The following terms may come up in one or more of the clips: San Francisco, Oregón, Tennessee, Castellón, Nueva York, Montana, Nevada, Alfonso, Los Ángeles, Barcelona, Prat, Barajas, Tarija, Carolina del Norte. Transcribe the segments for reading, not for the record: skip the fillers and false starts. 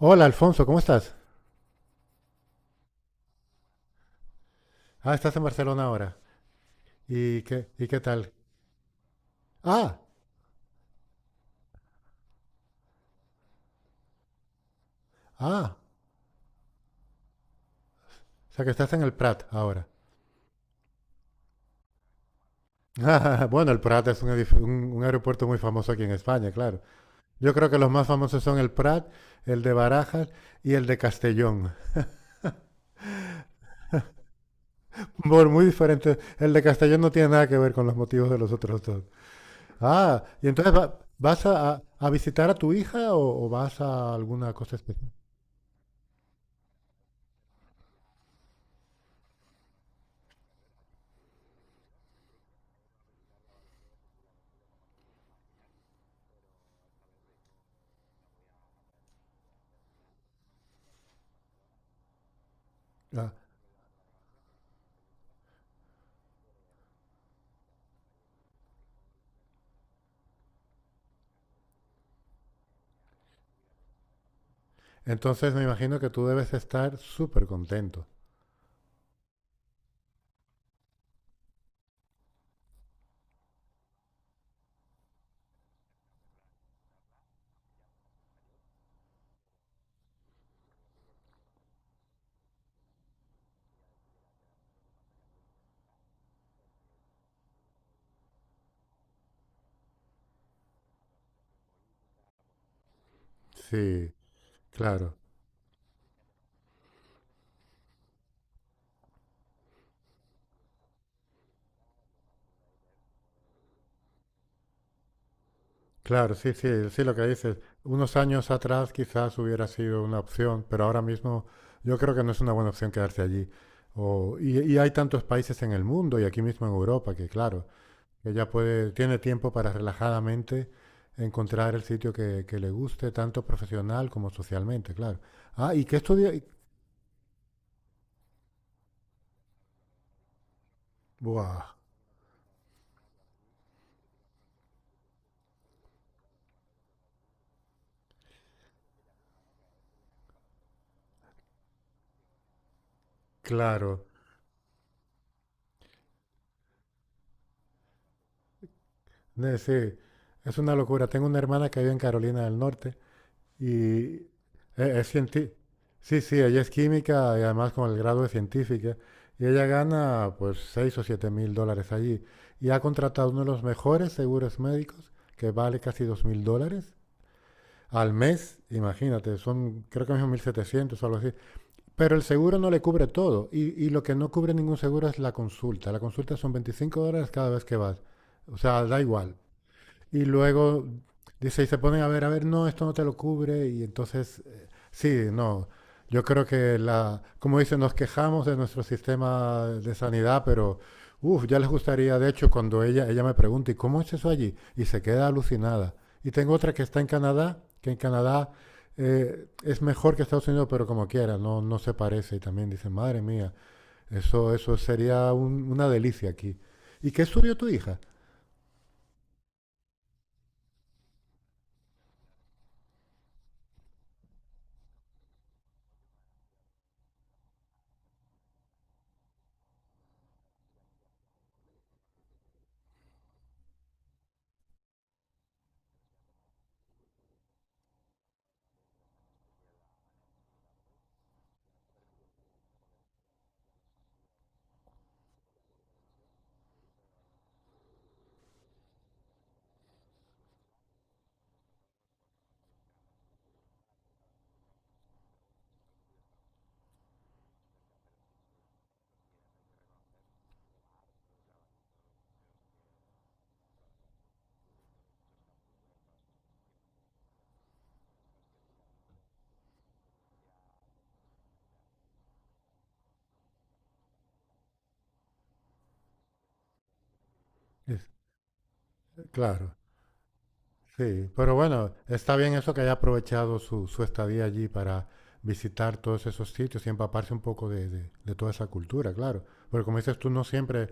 Hola Alfonso, ¿cómo estás? Ah, estás en Barcelona ahora. ¿Y qué tal? Ah, ah, o sea que estás en el Prat ahora. Bueno, el Prat es un aeropuerto muy famoso aquí en España, claro. Yo creo que los más famosos son el Prat, el de Barajas y el de Castellón. Por muy diferentes. El de Castellón no tiene nada que ver con los motivos de los otros dos. Ah, y entonces vas a visitar a tu hija o vas a alguna cosa especial. Ah, entonces me imagino que tú debes estar súper contento. Sí, claro, claro, sí, sí, sí, lo que dices. Unos años atrás quizás hubiera sido una opción, pero ahora mismo yo creo que no es una buena opción quedarse allí. Y hay tantos países en el mundo y aquí mismo en Europa que, claro, ella puede, tiene tiempo para relajadamente encontrar el sitio que le guste, tanto profesional como socialmente, claro. Ah, ¿y qué estudia? Buah, claro, sí, es una locura. Tengo una hermana que vive en Carolina del Norte. Y e- es, cienti- Sí, sí, ella es química y además con el grado de científica. Y ella gana pues 6 o 7 mil dólares allí. Y ha contratado uno de los mejores seguros médicos que vale casi 2.000 dólares al mes. Imagínate, son creo que mismo 1.700 o algo así. Pero el seguro no le cubre todo. Y lo que no cubre ningún seguro es la consulta. La consulta son 25 dólares cada vez que vas. O sea, da igual. Y luego dice, y se ponen a ver, no, esto no te lo cubre. Y entonces, sí, no. Yo creo que la, como dice, nos quejamos de nuestro sistema de sanidad, pero uff, ya les gustaría, de hecho, cuando ella me pregunta, ¿y cómo es eso allí? Y se queda alucinada. Y tengo otra que está en Canadá, que en Canadá es mejor que Estados Unidos, pero como quiera, no, no se parece. Y también dice, madre mía, eso sería una delicia aquí. ¿Y qué estudió tu hija? Es- claro. Sí, pero bueno, está bien eso que haya aprovechado su estadía allí para visitar todos esos sitios y empaparse un poco de, de toda esa cultura, claro. Porque como dices tú, no siempre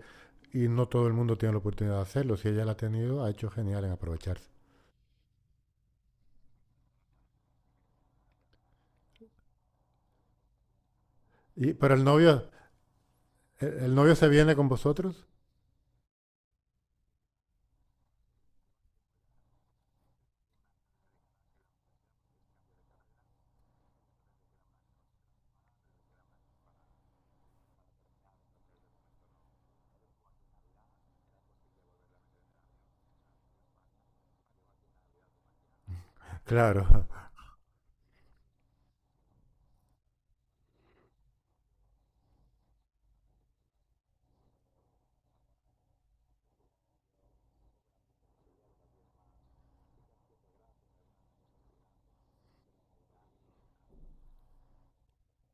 y no todo el mundo tiene la oportunidad de hacerlo. Si ella la ha tenido, ha hecho genial en aprovecharse. Y, pero el novio, el novio se viene con vosotros? Claro,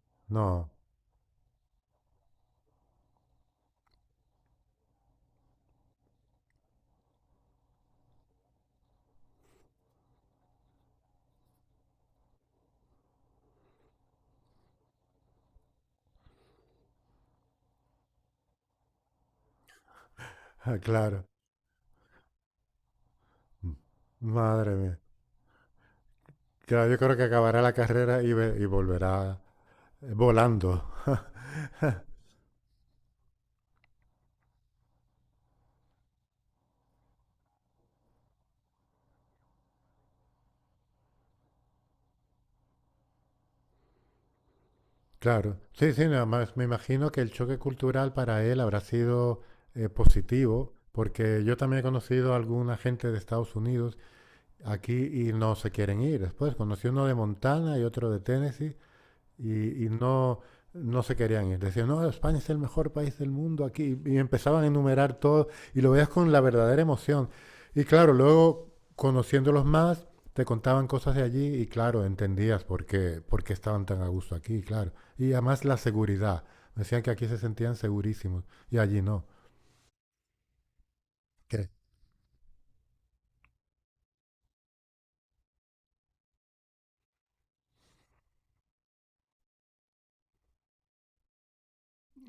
no, claro. Madre mía. Claro, yo creo que acabará la carrera y volverá volando. Claro, sí, sí, nada más me imagino que el choque cultural para él habrá sido positivo, porque yo también he conocido a alguna gente de Estados Unidos aquí y no se quieren ir. Después conocí uno de Montana y otro de Tennessee y no, no se querían ir. Decían, no, España es el mejor país del mundo aquí. Y empezaban a enumerar todo y lo veías con la verdadera emoción. Y claro, luego conociéndolos más, te contaban cosas de allí y claro, entendías por qué estaban tan a gusto aquí, claro. Y además la seguridad. Decían que aquí se sentían segurísimos y allí no. ¿Qué?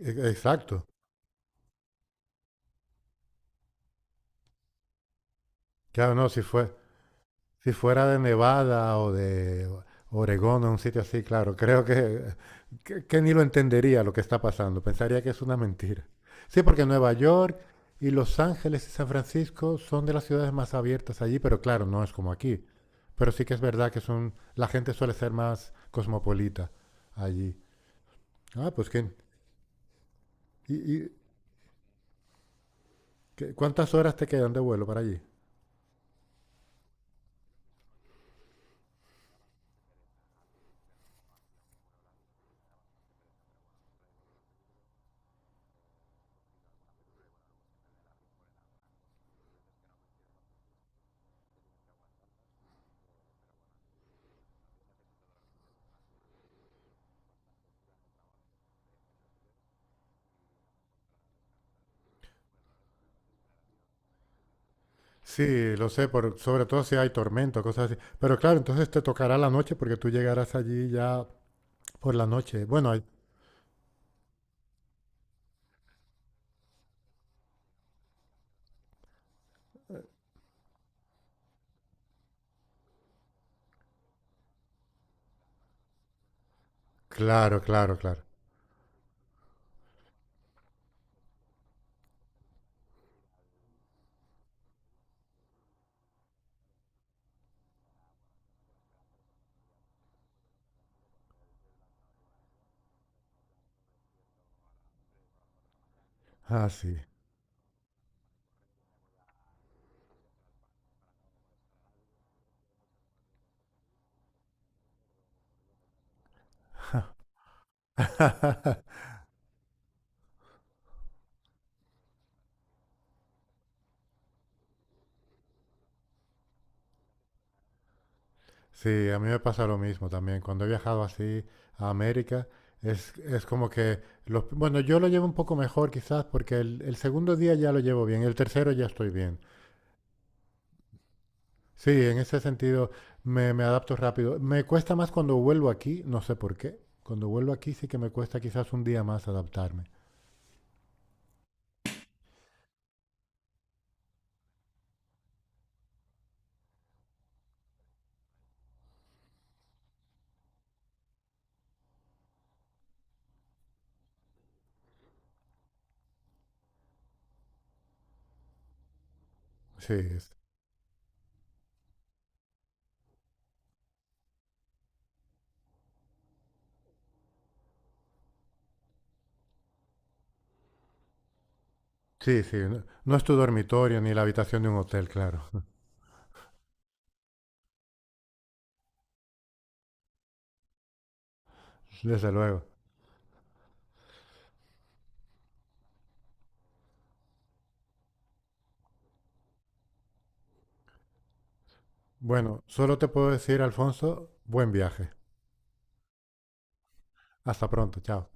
Exacto. Claro, no, si fue. Si fuera de Nevada o de Oregón o un sitio así, claro, creo que ni lo entendería lo que está pasando. Pensaría que es una mentira. Sí, porque Nueva York y Los Ángeles y San Francisco son de las ciudades más abiertas allí, pero claro, no es como aquí. Pero sí que es verdad que son, la gente suele ser más cosmopolita allí. Ah, pues ¿qué, y, y, qué- ¿cuántas horas te quedan de vuelo para allí? Sí, lo sé, por, sobre todo si hay tormento, cosas así. Pero claro, entonces te tocará la noche porque tú llegarás allí ya por la noche. Claro, claro, claro. Ah, sí. Sí, a mí me pasa lo mismo también. Cuando he viajado así a América, es como que... bueno, yo lo llevo un poco mejor quizás porque el segundo día ya lo llevo bien, el tercero ya estoy bien. Sí, en ese sentido me adapto rápido. Me cuesta más cuando vuelvo aquí, no sé por qué. Cuando vuelvo aquí sí que me cuesta quizás un día más adaptarme. Sí, sí, sí. No, no es tu dormitorio ni la habitación de un hotel, claro. Desde luego. Bueno, solo te puedo decir, Alfonso, buen viaje. Hasta pronto, chao.